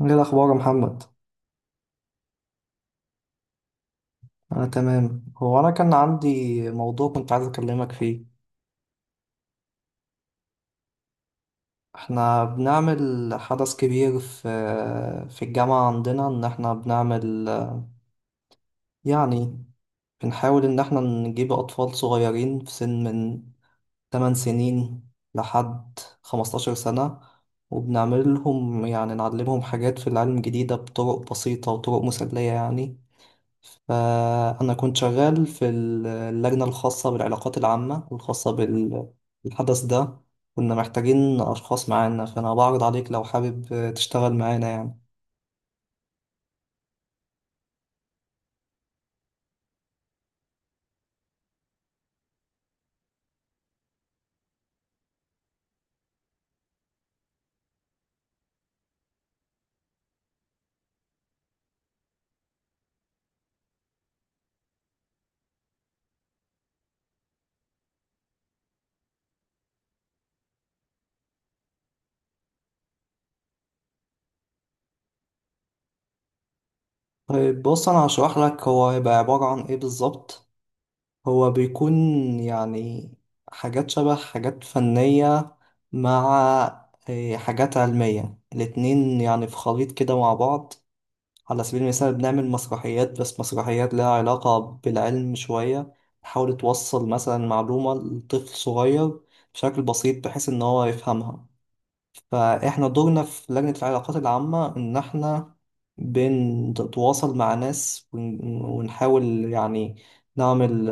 ايه الاخبار يا محمد؟ انا تمام. انا كان عندي موضوع كنت عايز اكلمك فيه. احنا بنعمل حدث كبير في الجامعة عندنا، ان احنا بنعمل يعني بنحاول ان احنا نجيب اطفال صغيرين في سن من 8 سنين لحد 15 سنة، وبنعمل لهم نعلمهم حاجات في العلم الجديدة بطرق بسيطة وطرق مسلية يعني. فأنا كنت شغال في اللجنة الخاصة بالعلاقات العامة الخاصة بالحدث ده، كنا محتاجين أشخاص معانا، فأنا بعرض عليك لو حابب تشتغل معانا يعني. طيب بص، أنا هشرح لك هو هيبقى عبارة عن إيه بالظبط. هو بيكون يعني حاجات شبه حاجات فنية مع إيه، حاجات علمية، الاتنين يعني في خليط كده مع بعض. على سبيل المثال بنعمل مسرحيات، بس مسرحيات لها علاقة بالعلم شوية، تحاول توصل مثلا معلومة لطفل صغير بشكل بسيط بحيث إن هو يفهمها. فإحنا دورنا في لجنة العلاقات العامة إن إحنا بنتواصل مع ناس ونحاول يعني نعمل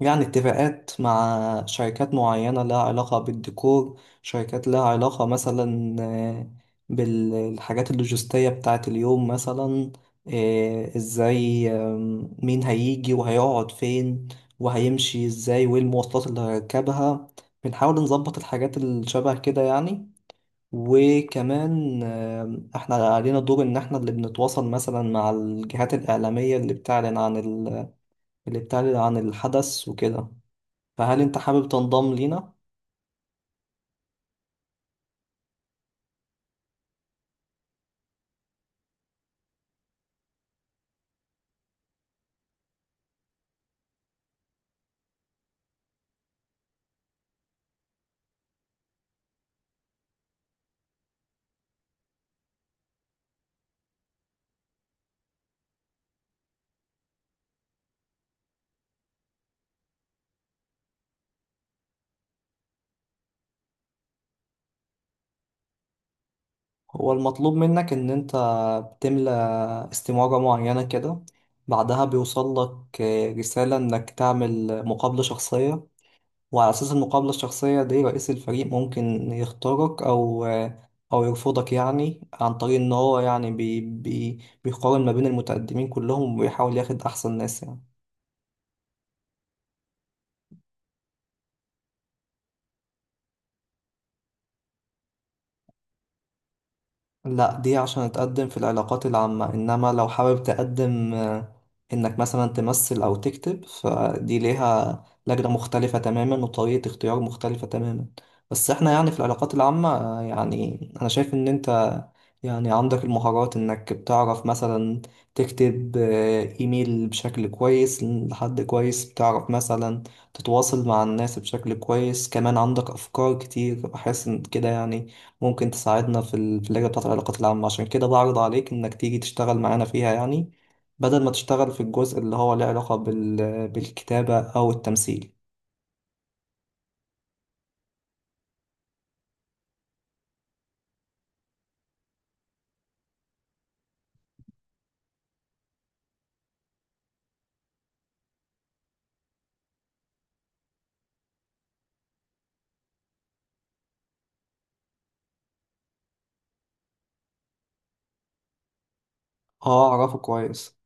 اتفاقات مع شركات معينة لها علاقة بالديكور، شركات لها علاقة مثلا بالحاجات اللوجستية بتاعة اليوم مثلا، ازاي، مين هيجي وهيقعد فين وهيمشي ازاي وايه المواصلات اللي هيركبها. بنحاول نظبط الحاجات اللي شبه كده يعني. وكمان احنا علينا دور ان احنا اللي بنتواصل مثلا مع الجهات الإعلامية اللي بتعلن عن اللي بتعلن عن الحدث وكده. فهل انت حابب تنضم لينا؟ هو المطلوب منك ان انت بتملى استمارة معينة كده، بعدها بيوصل لك رسالة انك تعمل مقابلة شخصية، وعلى اساس المقابلة الشخصية دي رئيس الفريق ممكن يختارك او او يرفضك، يعني عن طريق ان هو يعني بي بي بيقارن ما بين المتقدمين كلهم ويحاول ياخد احسن ناس يعني. لا، دي عشان تقدم في العلاقات العامة، إنما لو حابب تقدم إنك مثلا تمثل أو تكتب، فدي ليها لجنة مختلفة تماما وطريقة اختيار مختلفة تماما. بس إحنا يعني في العلاقات العامة، يعني أنا شايف إن أنت يعني عندك المهارات، إنك بتعرف مثلا تكتب إيميل بشكل كويس لحد كويس، بتعرف مثلا تتواصل مع الناس بشكل كويس، كمان عندك أفكار كتير، بحس إن كده يعني ممكن تساعدنا في في اللجنة بتاعة العلاقات العامة، عشان كده بعرض عليك إنك تيجي تشتغل معانا فيها يعني، بدل ما تشتغل في الجزء اللي هو له علاقة بالكتابة أو التمثيل. اه أعرفه كويس.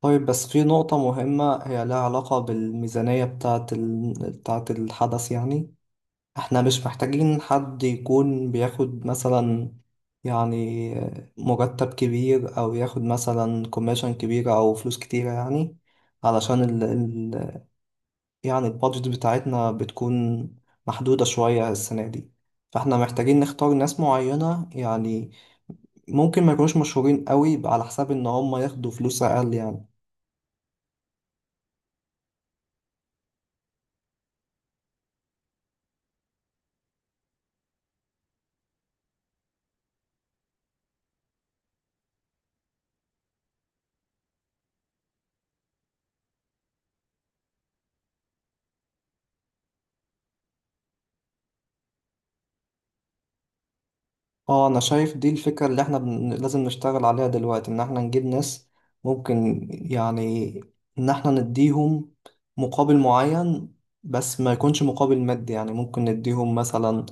طيب بس في نقطة مهمة هي لها علاقة بالميزانية بتاعة بتاعة الحدث يعني. احنا مش محتاجين حد يكون بياخد مثلا يعني مرتب كبير، أو ياخد مثلا كوميشن كبيرة أو فلوس كتيرة يعني، علشان البادجت بتاعتنا بتكون محدودة شوية السنة دي، فاحنا محتاجين نختار ناس معينة يعني، ممكن ما يكونوش مشهورين قوي على حساب ان هم ياخدوا فلوس اقل يعني. اه انا شايف دي الفكرة اللي احنا لازم نشتغل عليها دلوقتي، ان احنا نجيب ناس ممكن يعني ان احنا نديهم مقابل معين، بس ما يكونش مقابل مادي يعني، ممكن نديهم مثلا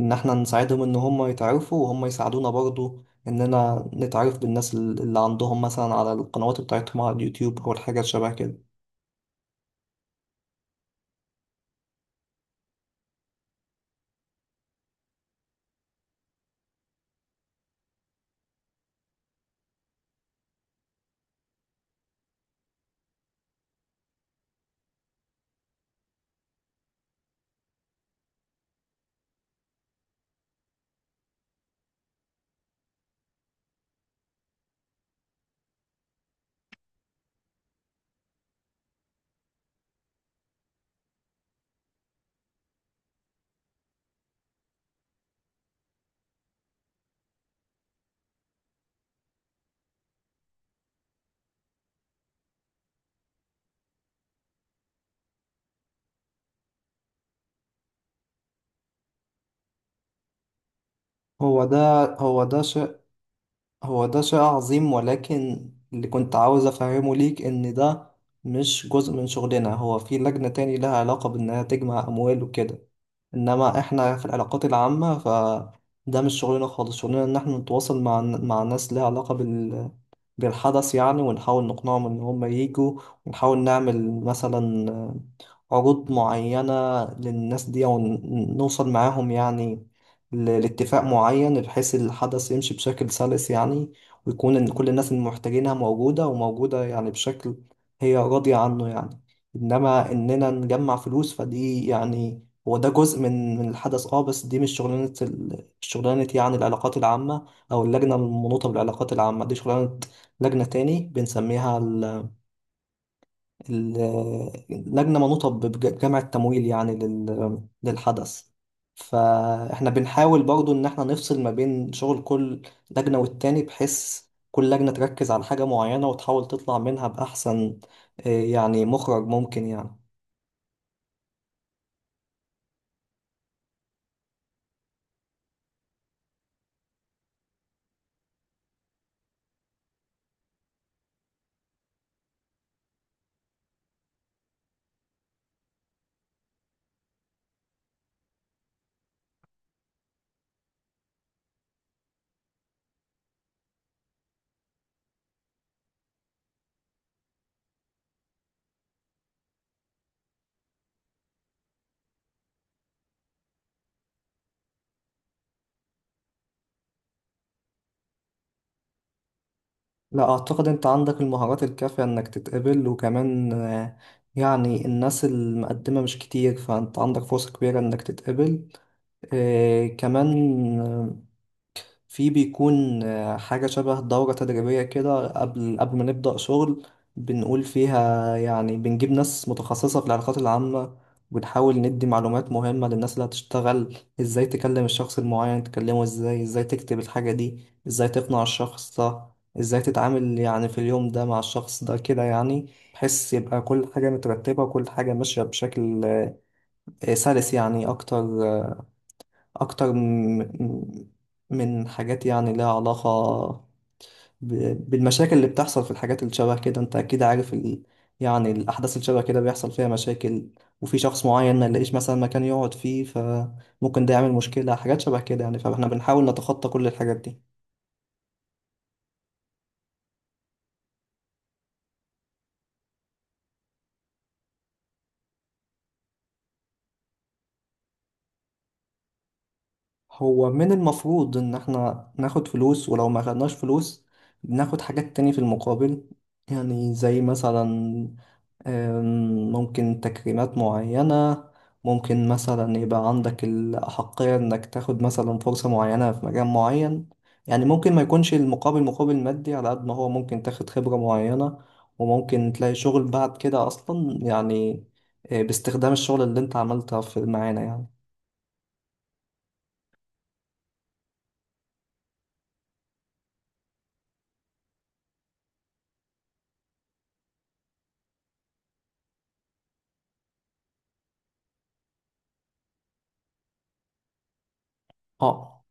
ان احنا نساعدهم ان هم يتعرفوا، وهم يساعدونا برضو اننا نتعرف بالناس اللي عندهم مثلا على القنوات بتاعتهم على اليوتيوب او الحاجات شبه كده. هو ده هو ده شيء هو ده شيء عظيم، ولكن اللي كنت عاوز أفهمه ليك إن ده مش جزء من شغلنا، هو في لجنة تاني لها علاقة بإنها تجمع أموال وكده، انما احنا في العلاقات العامة فده مش شغلنا خالص. شغلنا ان احنا نتواصل مع ناس ليها علاقة بالحدث يعني، ونحاول نقنعهم ان هم ييجوا، ونحاول نعمل مثلا عروض معينة للناس دي ونوصل معاهم يعني لاتفاق معين، بحيث الحدث يمشي بشكل سلس يعني، ويكون إن كل الناس المحتاجينها موجودة، وموجودة يعني بشكل هي راضية عنه يعني. إنما إننا نجمع فلوس فدي يعني، هو ده جزء من الحدث اه، بس دي مش شغلانة شغلانة يعني العلاقات العامة أو اللجنة المنوطة بالعلاقات العامة، دي شغلانة لجنة تاني بنسميها ال ال لجنة منوطة بجمع التمويل يعني للحدث. فاحنا بنحاول برضو إن احنا نفصل ما بين شغل كل لجنة والتاني، بحيث كل لجنة تركز على حاجة معينة وتحاول تطلع منها بأحسن يعني مخرج ممكن يعني. لا، أعتقد أنت عندك المهارات الكافية إنك تتقبل، وكمان يعني الناس المقدمة مش كتير، فأنت عندك فرصة كبيرة إنك تتقبل. كمان في بيكون حاجة شبه دورة تدريبية كده قبل ما نبدأ شغل، بنقول فيها يعني بنجيب ناس متخصصة في العلاقات العامة، وبنحاول ندي معلومات مهمة للناس اللي هتشتغل. ازاي تكلم الشخص المعين، تكلمه ازاي، ازاي تكتب الحاجة دي، ازاي تقنع الشخص ده، ازاي تتعامل يعني في اليوم ده مع الشخص ده كده يعني، بحيث يبقى كل حاجة مترتبة وكل حاجة ماشية بشكل سلس يعني، أكتر أكتر م- م- من حاجات يعني لها علاقة بالمشاكل اللي بتحصل في الحاجات اللي شبه كده. أنت أكيد عارف يعني الأحداث اللي شبه كده بيحصل فيها مشاكل، وفي شخص معين ما يلاقيش مثلا مكان يقعد فيه فممكن ده يعمل مشكلة، حاجات شبه كده يعني، فاحنا بنحاول نتخطى كل الحاجات دي. هو من المفروض إن احنا ناخد فلوس، ولو ما خدناش فلوس بناخد حاجات تاني في المقابل، يعني زي مثلا ممكن تكريمات معينة، ممكن مثلا يبقى عندك الأحقية إنك تاخد مثلا فرصة معينة في مجال معين يعني. ممكن ما يكونش المقابل مقابل مادي، على قد ما هو ممكن تاخد خبرة معينة وممكن تلاقي شغل بعد كده أصلا يعني، باستخدام الشغل اللي أنت عملتها في معانا يعني. اه.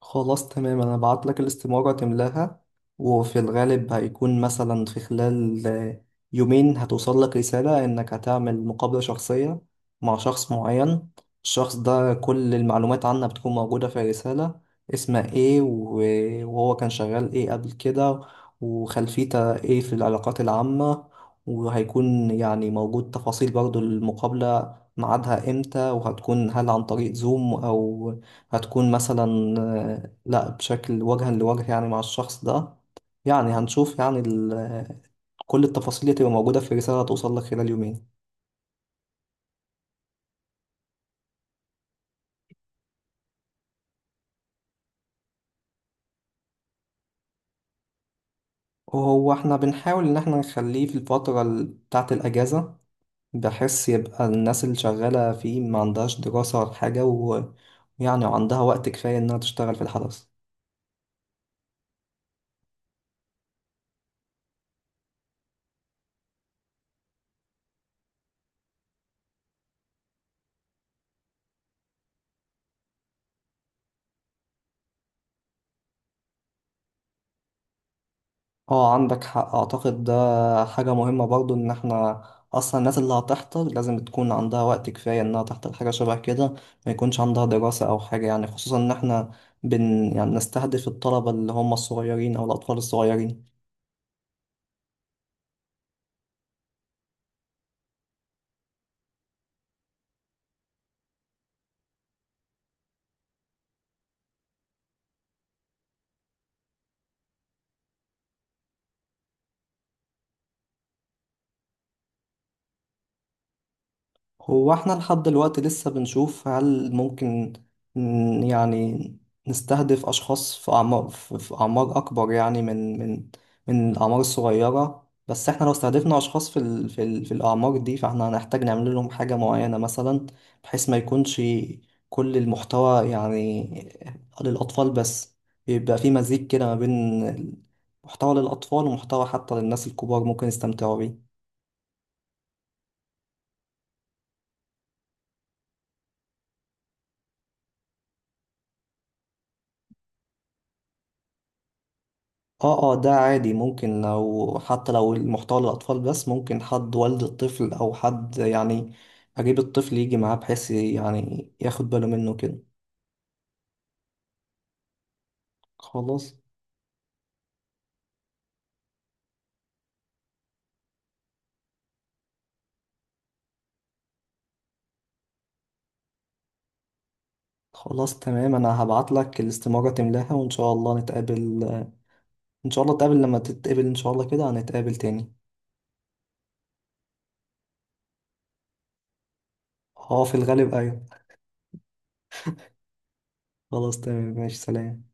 خلاص تمام انا هبعت لك الاستمارة تملاها، وفي الغالب هيكون مثلا في خلال يومين هتوصل لك رسالة انك هتعمل مقابلة شخصية مع شخص معين، الشخص ده كل المعلومات عنه بتكون موجودة في الرسالة، اسمه ايه وهو كان شغال ايه قبل كده، وخلفيته ايه في العلاقات العامة، وهيكون يعني موجود تفاصيل برضو المقابلة ميعادها امتى، وهتكون هل عن طريق زوم او هتكون مثلا لا بشكل وجها لوجه يعني مع الشخص ده. يعني هنشوف يعني كل التفاصيل اللي تبقى موجودة في رسالة هتوصل لك خلال يومين. وهو احنا بنحاول ان احنا نخليه في الفترة بتاعة الأجازة، بحيث يبقى الناس اللي شغالة فيه ما عندهاش دراسة ولا حاجة، ويعني عندها وقت كفاية انها تشتغل في الحدث. اه عندك حق، اعتقد ده حاجة مهمة برضو، ان احنا اصلا الناس اللي هتحضر لازم تكون عندها وقت كفاية انها تحضر حاجة شبه كده، ما يكونش عندها دراسة او حاجة يعني، خصوصا ان احنا بن يعني نستهدف الطلبة اللي هم الصغيرين او الاطفال الصغيرين. هو احنا لحد دلوقتي لسه بنشوف هل ممكن يعني نستهدف أشخاص في أعمار في أعمار أكبر يعني من الأعمار الصغيرة، بس احنا لو استهدفنا أشخاص في ال في ال في الأعمار دي فاحنا هنحتاج نعمل لهم حاجة معينة مثلا، بحيث ما يكونش كل المحتوى يعني للأطفال بس، يبقى في مزيج كده ما بين محتوى للأطفال ومحتوى حتى للناس الكبار ممكن يستمتعوا بيه. اه ده عادي، ممكن لو حتى لو المحتوى للأطفال بس ممكن حد والد الطفل أو حد يعني أجيب الطفل يجي معاه بحيث يعني ياخد باله منه كده. خلاص. خلاص تمام، أنا هبعت لك الاستمارة تملاها وإن شاء الله نتقابل. إن شاء الله نتقابل، لما تتقابل إن شاء الله كده هنتقابل تاني. اه في الغالب أيوة. خلاص تمام ماشي، سلام.